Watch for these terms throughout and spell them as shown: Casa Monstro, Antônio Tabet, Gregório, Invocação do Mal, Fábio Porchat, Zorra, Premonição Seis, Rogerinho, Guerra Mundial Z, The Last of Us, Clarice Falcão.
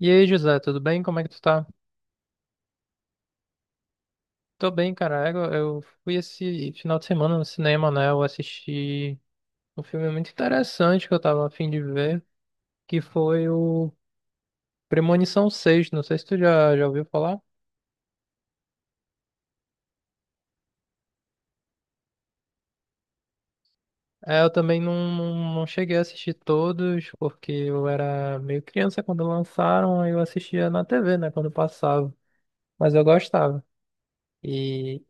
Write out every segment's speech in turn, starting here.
E aí, José, tudo bem? Como é que tu tá? Tô bem, cara. Eu fui esse final de semana no cinema, né? Eu assisti um filme muito interessante que eu tava a fim de ver, que foi o Premonição Seis. Não sei se tu já ouviu falar. É, eu também não cheguei a assistir todos, porque eu era meio criança quando lançaram, aí eu assistia na TV, né? Quando passava. Mas eu gostava. E,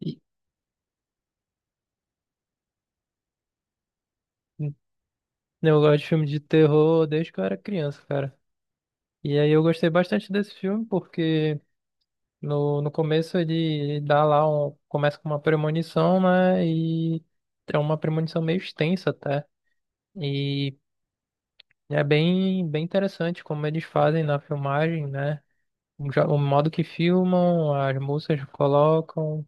e eu gosto de filme de terror desde que eu era criança, cara. E aí eu gostei bastante desse filme porque no começo ele dá lá um, começa com uma premonição, né? E é uma premonição meio extensa até. E é bem interessante como eles fazem na filmagem, né? O modo que filmam, as músicas que colocam,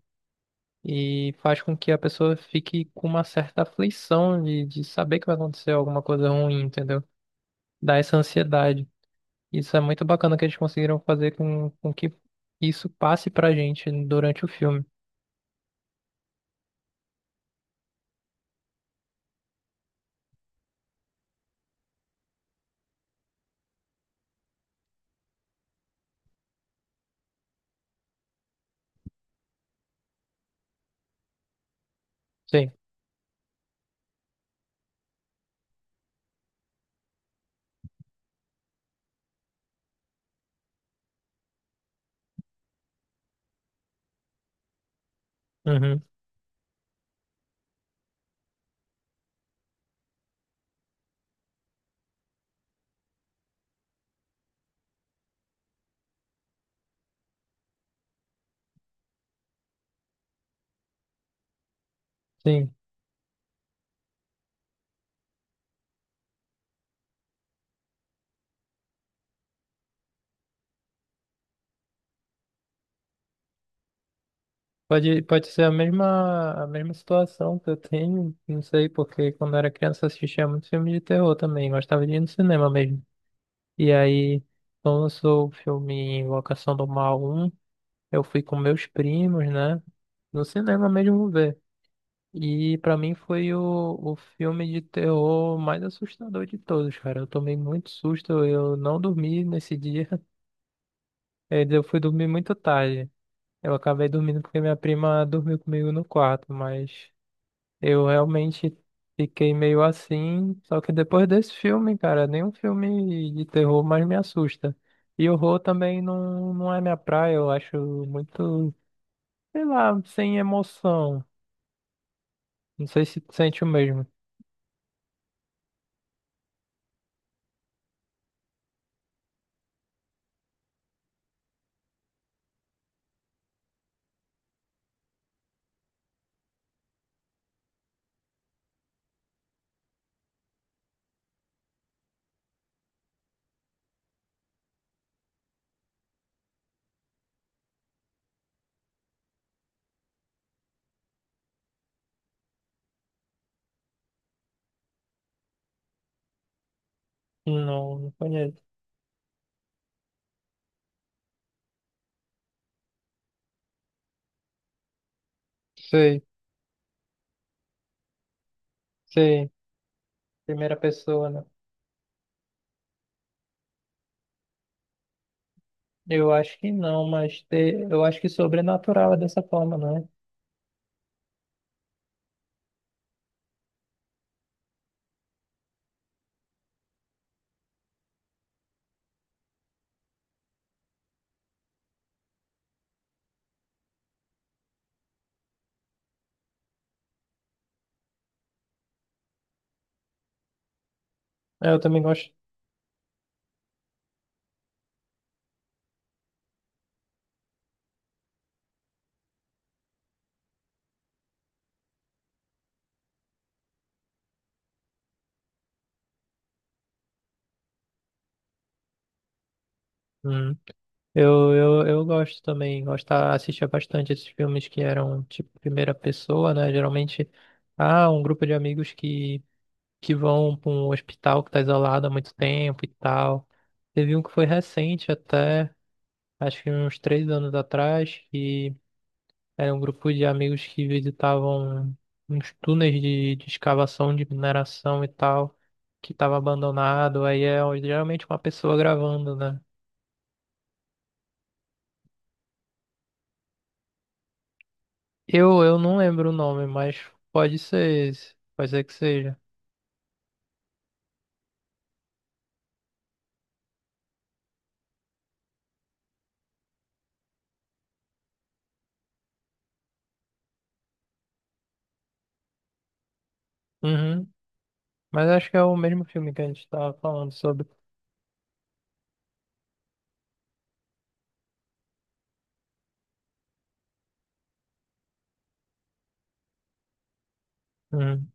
e faz com que a pessoa fique com uma certa aflição de saber que vai acontecer alguma coisa ruim, entendeu? Dá essa ansiedade. Isso é muito bacana que eles conseguiram fazer com que isso passe pra gente durante o filme. Sim. Uhum. Sim, pode ser a mesma situação que eu tenho, não sei, porque quando eu era criança eu assistia muito filme de terror também, gostava de ir no cinema mesmo. E aí, quando lançou o filme Invocação do Mal um eu fui com meus primos, né, no cinema mesmo ver. E pra mim foi o filme de terror mais assustador de todos, cara. Eu tomei muito susto, eu não dormi nesse dia, eu fui dormir muito tarde. Eu acabei dormindo porque minha prima dormiu comigo no quarto, mas eu realmente fiquei meio assim. Só que depois desse filme, cara, nenhum filme de terror mais me assusta. E horror também não, não é minha praia, eu acho muito, sei lá, sem emoção. Não sei se tu sente o mesmo. Não, não conheço. Sei, sei. Primeira pessoa, né? Eu acho que não, mas eu acho que sobrenatural é dessa forma, não é? É, eu também gosto. Eu gosto também, gostava, assistia bastante esses filmes que eram tipo primeira pessoa, né? Geralmente há um grupo de amigos que vão para um hospital que está isolado há muito tempo e tal. Teve um que foi recente até, acho que uns 3 anos atrás, que era um grupo de amigos que visitavam uns túneis de escavação de mineração e tal, que estava abandonado. Aí é geralmente uma pessoa gravando, né? Eu não lembro o nome, mas pode ser esse. Pode ser que seja. Uhum. Mas acho que é o mesmo filme que a gente estava falando sobre. Uhum.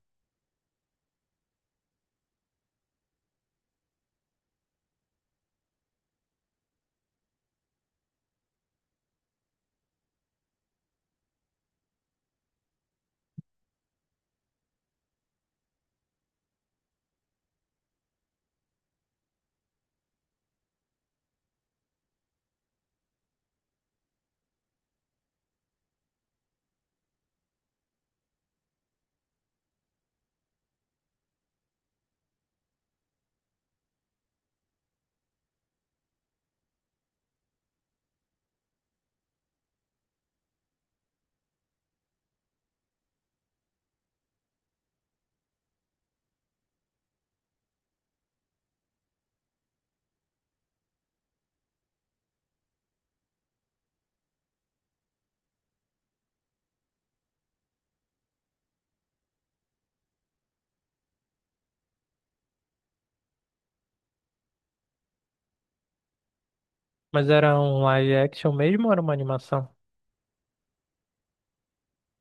Mas era um live action mesmo ou era uma animação?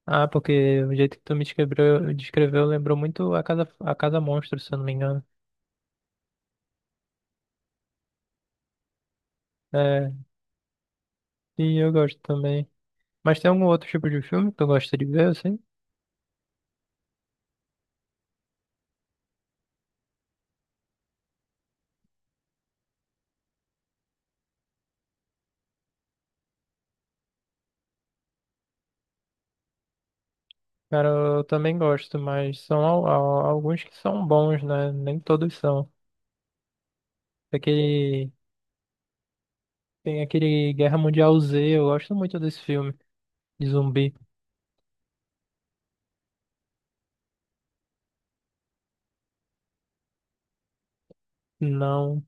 Ah, porque o jeito que tu me descreveu lembrou muito a Casa Monstro, se eu não me engano. É, e eu gosto também. Mas tem algum outro tipo de filme que tu gosta de ver, assim? Cara, eu também gosto, mas são alguns que são bons, né? Nem todos são. Aquele. Tem aquele Guerra Mundial Z, eu gosto muito desse filme de zumbi. Não.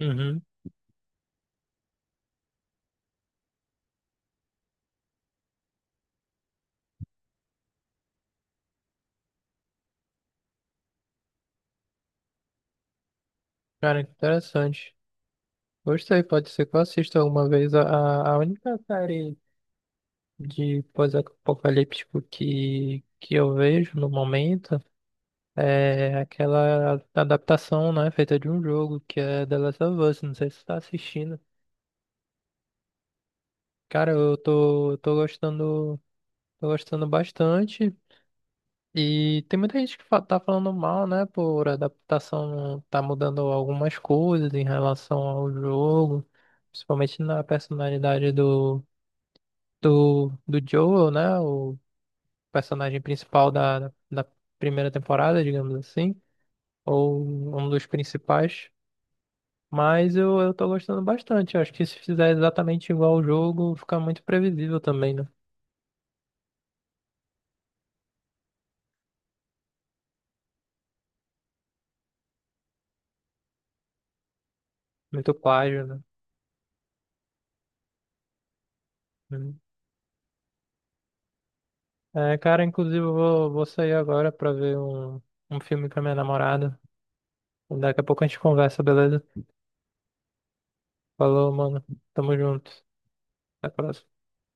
Uhum. Cara, interessante. Gostei, pode ser que eu assista alguma vez. A única série de pós-apocalíptico que eu vejo no momento é aquela adaptação, né, feita de um jogo, que é The Last of Us. Não sei se você tá assistindo. Cara, eu tô gostando, tô gostando bastante. E tem muita gente que tá falando mal, né? Por adaptação, tá mudando algumas coisas em relação ao jogo, principalmente na personalidade do Joel, né? O personagem principal da primeira temporada, digamos assim, ou um dos principais. Mas eu tô gostando bastante. Eu acho que se fizer exatamente igual ao jogo, fica muito previsível também, né? Muito plágio, né? É, cara, inclusive eu vou sair agora pra ver um filme com a minha namorada. Daqui a pouco a gente conversa, beleza? Falou, mano. Tamo junto. Até a próxima.